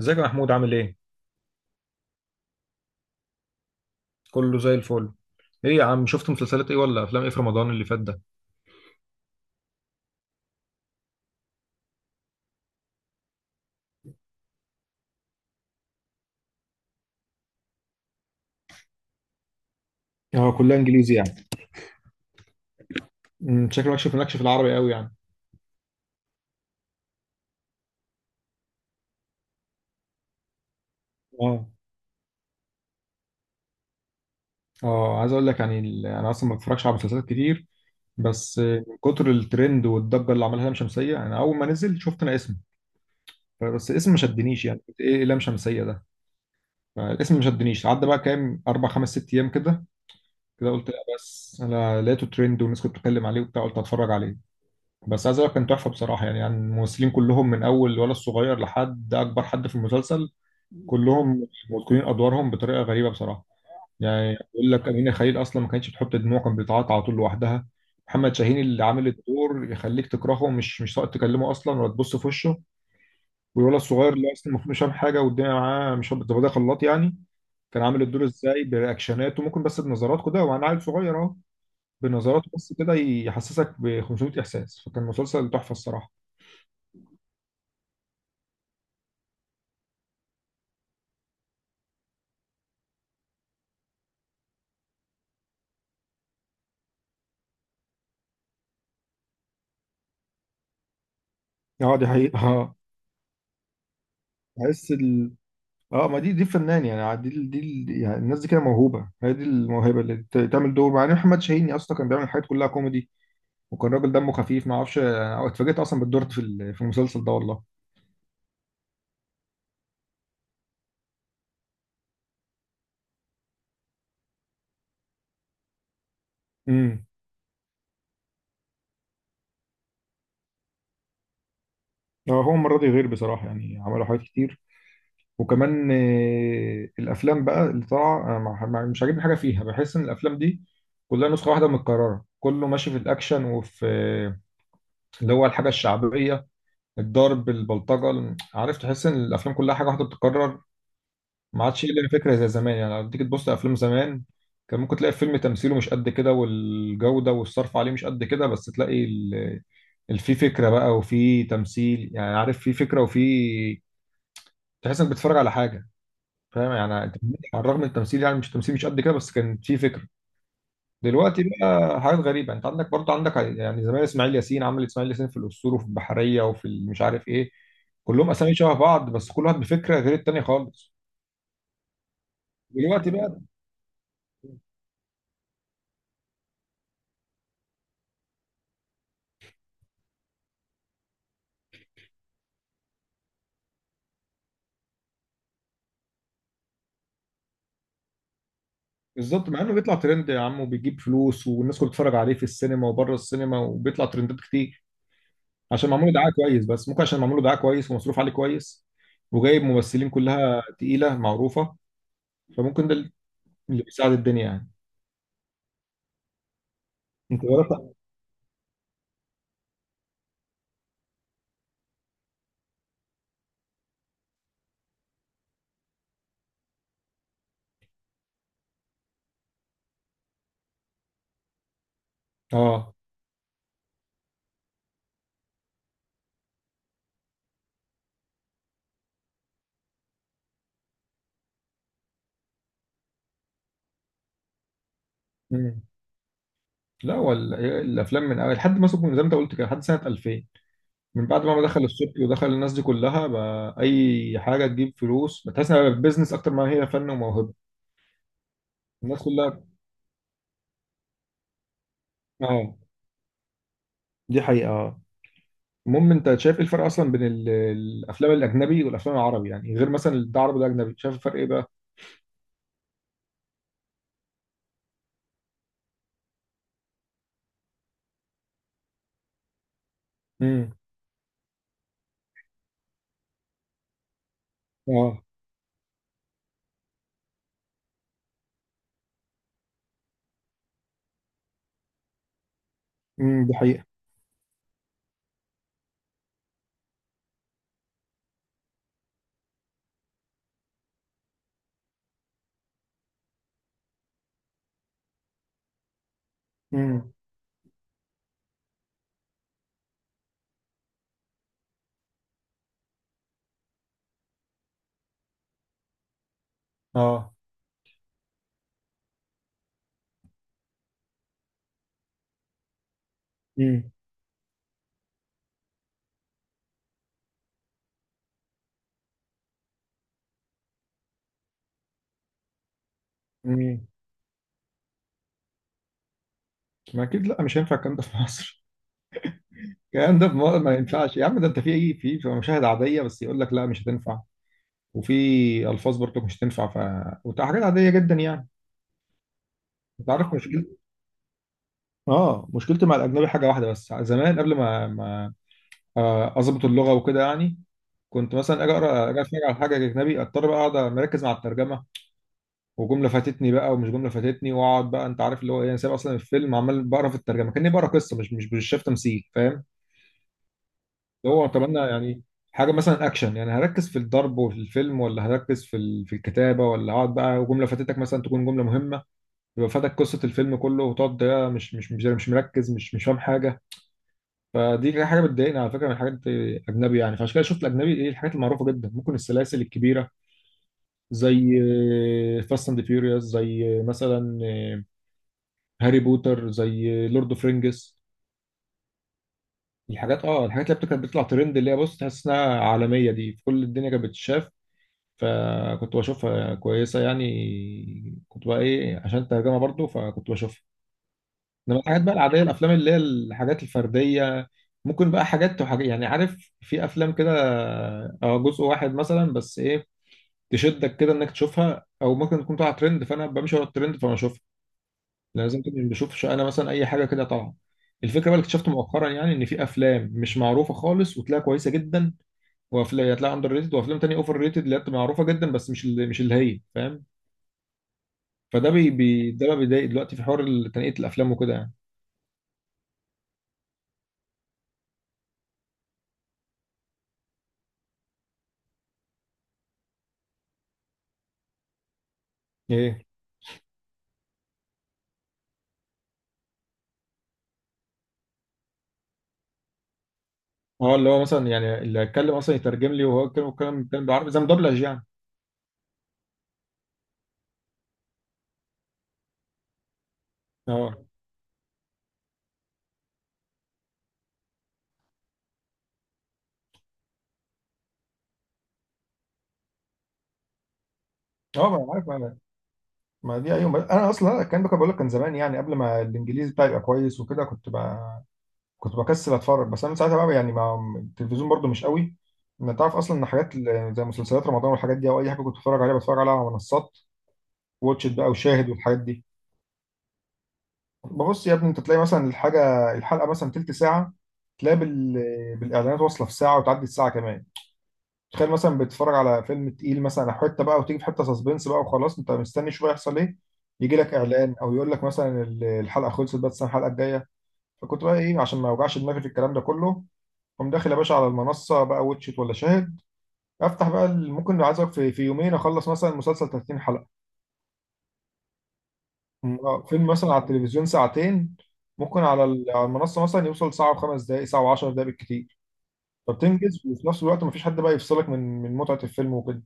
ازيك يا محمود عامل ايه؟ كله زي الفل. ايه يا عم شفت مسلسلات ايه ولا افلام ايه في رمضان اللي فات ده؟ اه كلها انجليزي يعني. شكلك مالكش في مالكش في العربي قوي يعني. اه اه عايز اقول لك يعني انا اصلا ما بتفرجش على مسلسلات كتير، بس من كتر الترند والضجه اللي عملها لام شمسيه انا اول ما نزل شفت انا اسمه. بس الاسم ما شدنيش يعني، قلت ايه لام شمسيه ده. فالاسم ما شدنيش، عدى بقى كام اربع خمس ست ايام كده. كده قلت لا، بس انا لقيته ترند والناس كانت بتتكلم عليه وبتاع، قلت هتفرج عليه. بس عايز اقول لك كان تحفه بصراحه، يعني الممثلين كلهم من اول الولد الصغير لحد اكبر حد في المسلسل كلهم متقنين ادوارهم بطريقه غريبه بصراحه. يعني اقول لك امينه خليل اصلا ما كانتش بتحط دموع، كانت بتعيط على طول لوحدها. محمد شاهين اللي عامل الدور يخليك تكرهه، مش ساقط تكلمه اصلا ولا تبص في وشه. والولد الصغير اللي اصلا المفروض مش فاهم حاجه والدنيا معاه، مش هبط ده خلاط يعني. كان عامل الدور ازاي برياكشناته، ممكن بس بنظراته كده وانا عيل صغير اهو. بنظراته بس كده يحسسك ب 500 احساس، فكان مسلسل تحفه الصراحه. اه دي حقيقة اه. بحس ال اه، ما دي فنان يعني، يعني الناس دي كده موهوبة، هي دي الموهبة اللي تعمل دور. مع ان محمد شاهيني اصلا كان بيعمل الحاجات كلها كوميدي، وكان راجل دمه خفيف، ما اعرفش. أنا اتفاجئت اصلا بالدور في في المسلسل ده والله. امم. اه، هو المرة دي غير بصراحة يعني، عملوا حاجات كتير. وكمان الافلام بقى اللي طالعة أنا مش عاجبني حاجة فيها، بحس ان الافلام دي كلها نسخة واحدة متكررة، كله ماشي في الاكشن وفي اللي هو الحاجة الشعبية، الضرب البلطجه عارف، تحس ان الافلام كلها حاجه واحده بتتكرر. ما عادش لنا فكره زي زمان، يعني لو تيجي تبص لافلام زمان كان ممكن تلاقي الفيلم تمثيله مش قد كده والجوده والصرف عليه مش قد كده، بس تلاقي في فكره بقى وفي تمثيل، يعني عارف في فكره وفي، تحس انك بتتفرج على حاجه، فاهم يعني أنت. على الرغم من التمثيل يعني مش تمثيل مش قد كده، بس كان في فكره. دلوقتي بقى حاجات غريبه. انت عندك يعني زمان اسماعيل ياسين عمل اسماعيل ياسين في الاسطول وفي البحريه وفي مش عارف ايه، كلهم اسامي شبه بعض بس كل واحد بفكره غير التاني خالص. دلوقتي بقى، بالظبط مع انه بيطلع ترند يا عم وبيجيب فلوس والناس كلها بتتفرج عليه في السينما وبره السينما وبيطلع ترندات كتير عشان معمول دعايه كويس. بس ممكن عشان معمول دعايه كويس ومصروف عليه كويس وجايب ممثلين كلها تقيله معروفه، فممكن ده اللي بيساعد الدنيا يعني. انت جربت؟ اه لا، هو الافلام من أول لحد ما سبكم زي ما انت قلت كده لحد سنه 2000. من بعد ما دخل السبكي ودخل الناس دي كلها، بقى اي حاجه تجيب فلوس، بتحس انها بيزنس اكتر ما هي فن وموهبه. الناس كلها. اه دي حقيقه اه. المهم انت شايف ايه الفرق اصلا بين الافلام الاجنبي والافلام العربي، يعني غير مثلا ده عربي وده اجنبي، شايف الفرق ايه بقى؟ امم، اه، امم، دي حقيقه، امم، اه، امم، امم. ما اكيد لا مش هينفع الكلام ده في مصر. الكلام ده في مصر ما ينفعش يا عم، ده انت في ايه، في مشاهد عاديه بس يقول لك لا مش هتنفع. وفي الفاظ برضك مش تنفع وبتبقى حاجات عاديه جدا يعني. انت عارف مشكلتي؟ اه، مشكلتي مع الاجنبي حاجه واحده بس، زمان قبل ما اظبط اللغه وكده يعني، كنت مثلا اجي اقرا، اجي اتفرج على حاجه اجنبي، اضطر بقى اقعد مركز مع الترجمه، وجمله فاتتني بقى ومش جمله فاتتني، واقعد بقى انت عارف اللي هو ايه، انا سايب اصلا الفيلم عمال بقرا في الترجمه كاني بقرا قصه، مش شايف تمثيل فاهم. اللي هو طب انا يعني حاجه مثلا اكشن يعني، هركز في الضرب وفي الفيلم ولا هركز في في الكتابه، ولا اقعد بقى وجمله فاتتك مثلا تكون جمله مهمه، يبقى فاتك قصة الفيلم كله، وتقعد ده مش مركز مش فاهم حاجة. فدي كده حاجة بتضايقني على فكرة من الحاجات الأجنبي يعني. فعشان كده شفت الأجنبي إيه الحاجات المعروفة جدا، ممكن السلاسل الكبيرة زي فاست أند فيوريوس، زي مثلا هاري بوتر، زي لورد أوف رينجز. الحاجات، اه، الحاجات اللي كانت بتطلع ترند، اللي هي بص تحس انها عالمية، دي في كل الدنيا كانت بتتشاف. فكنت بشوفها كويسة يعني، كنت بقى ايه عشان الترجمة برضو، فكنت بشوفها. انما الحاجات بقى العاديه الافلام اللي هي الحاجات الفرديه، ممكن بقى حاجات وحاجات يعني عارف، في افلام كده اه جزء واحد مثلا بس ايه، تشدك كده انك تشوفها، او ممكن تكون طالعه ترند فانا بمشي ورا الترند فانا اشوفها. لازم كنت مش بشوفش انا مثلا اي حاجه كده طالعه. الفكره بقى اللي اكتشفت مؤخرا يعني ان في افلام مش معروفه خالص وتلاقيها كويسه جدا، وافلام هتلاقيها اندر ريتد، وافلام تانيه اوفر ريتد اللي هي بتبقى معروفه جدا، بس مش اللي هي، فاهم. فده بي بي ده بقى بيضايق دلوقتي، في حوار تنقيه الافلام وكده يعني. ايه؟ اه، اللي هو مثلا يعني اللي هيتكلم اصلا يترجم لي وهو يتكلم الكلام، الكلام بالعربي زي مدبلج يعني. اه اه ما انا عارف انا. ما دي ايوه انا اصلا الكلام ده كنت بقول لك كان زمان يعني، قبل ما الانجليزي بتاعي يبقى كويس وكده، كنت بقى كنت بكسل اتفرج. بس انا من ساعتها بقى يعني، ما التلفزيون برضو مش قوي. ما تعرف اصلا ان حاجات زي مسلسلات رمضان والحاجات دي او اي حاجه كنت بتفرج عليها، بتفرج عليها على منصات، واتش إت بقى وشاهد والحاجات دي. ببص يا ابني انت تلاقي مثلا الحاجه الحلقه مثلا تلت ساعه، تلاقي بالاعلانات واصله في ساعه وتعدي الساعه كمان. تخيل مثلا بتتفرج على فيلم تقيل مثلا أو حته بقى، وتيجي في حته سسبنس بقى وخلاص انت مستني شويه يحصل ايه، يجي لك اعلان او يقول لك مثلا الحلقه خلصت بس الحلقه الجايه. فكنت بقى ايه عشان ما اوجعش دماغي في الكلام ده كله، قوم داخل يا باشا على المنصه بقى واتشيت ولا شاهد، افتح بقى ممكن عايز أقولك في يومين اخلص مثلا مسلسل 30 حلقه. فيلم مثلا على التلفزيون ساعتين، ممكن على على المنصه مثلا يوصل ساعه وخمس دقائق ساعه وعشر دقائق بالكتير. فبتنجز، وفي نفس الوقت مفيش حد بقى يفصلك من متعه الفيلم وكده.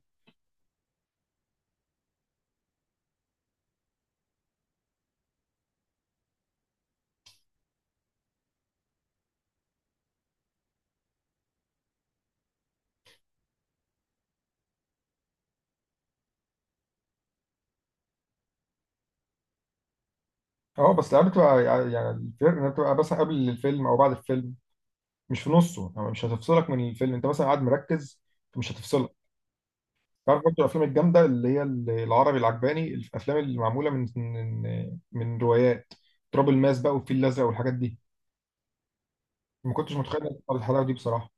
اه، بس الألعاب بتبقى يعني الفرق انها بتبقى مثلا قبل الفيلم او بعد الفيلم مش في نصه، يعني مش هتفصلك من الفيلم، انت مثلا قاعد مركز مش هتفصلك. تعرف برضه الافلام الجامده اللي هي العربي العجباني، الافلام اللي معموله من روايات، تراب الماس بقى والفيل الازرق والحاجات دي، ما كنتش متخيل إن الحلاوه دي بصراحه.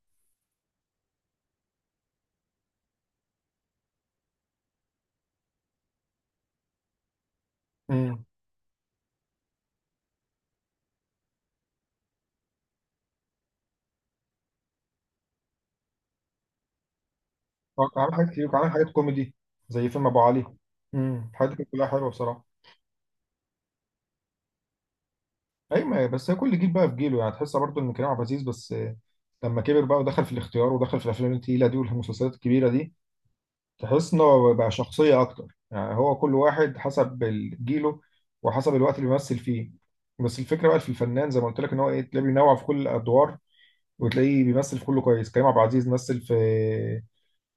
امم، كان عامل حاجات كتير وكان عامل حاجات كوميدي زي فيلم ابو علي. امم، الحاجات دي كانت كلها حلوه بصراحه. ايوه بس هي كل جيل بقى في جيله، يعني تحس برضه ان كريم عبد العزيز بس لما كبر بقى ودخل في الاختيار ودخل في الافلام التقيله دي والمسلسلات الكبيره دي، تحس ان هو بقى شخصيه اكتر يعني، هو كل واحد حسب جيله وحسب الوقت اللي بيمثل فيه. بس الفكره بقى في الفنان زي ما قلت لك ان هو ايه، تلاقيه بينوع في كل الادوار وتلاقيه بيمثل في كله كويس. كريم عبد العزيز مثل في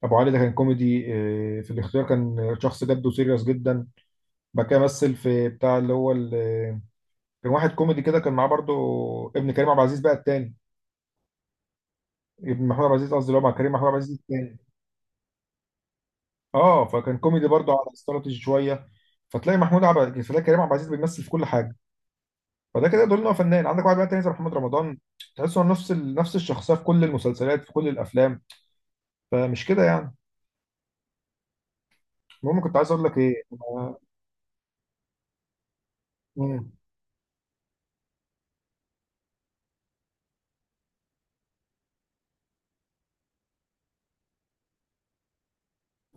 ابو علي، ده كان كوميدي، في الاختيار كان شخص جد وسيريس جدا. بعد كده مثل في بتاع اللي هو كان واحد كوميدي كده، كان معاه برضو ابن كريم عبد العزيز بقى التاني، ابن محمود عبد العزيز قصدي، اللي هو مع كريم، محمود عبد العزيز التاني. اه، فكان كوميدي برضو على استراتيجي شويه. فتلاقي كريم عبد العزيز بيمثل في كل حاجه، فده كده يدل ان هو فنان. عندك واحد بقى تاني زي محمد رمضان، تحس انه نفس نفس الشخصيه في كل المسلسلات في كل الافلام، فمش كده يعني. المهم كنت عايز اقول لك ايه مم.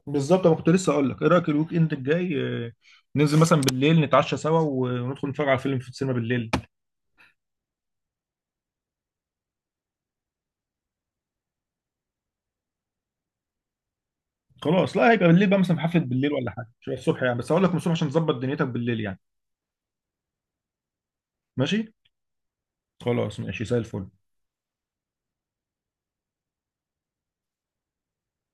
بالظبط، انا كنت لسه اقول لك، ايه رايك الويك اند الجاي آه، ننزل مثلا بالليل نتعشى سوا وندخل نتفرج على فيلم في السينما بالليل. خلاص، لا هيبقى بالليل بقى، مثلا في حفلة بالليل ولا حاجة، مش هيبقى الصبح يعني، بس هقول لك من الصبح عشان تظبط دنيتك بالليل يعني. ماشي، خلاص ماشي زي الفل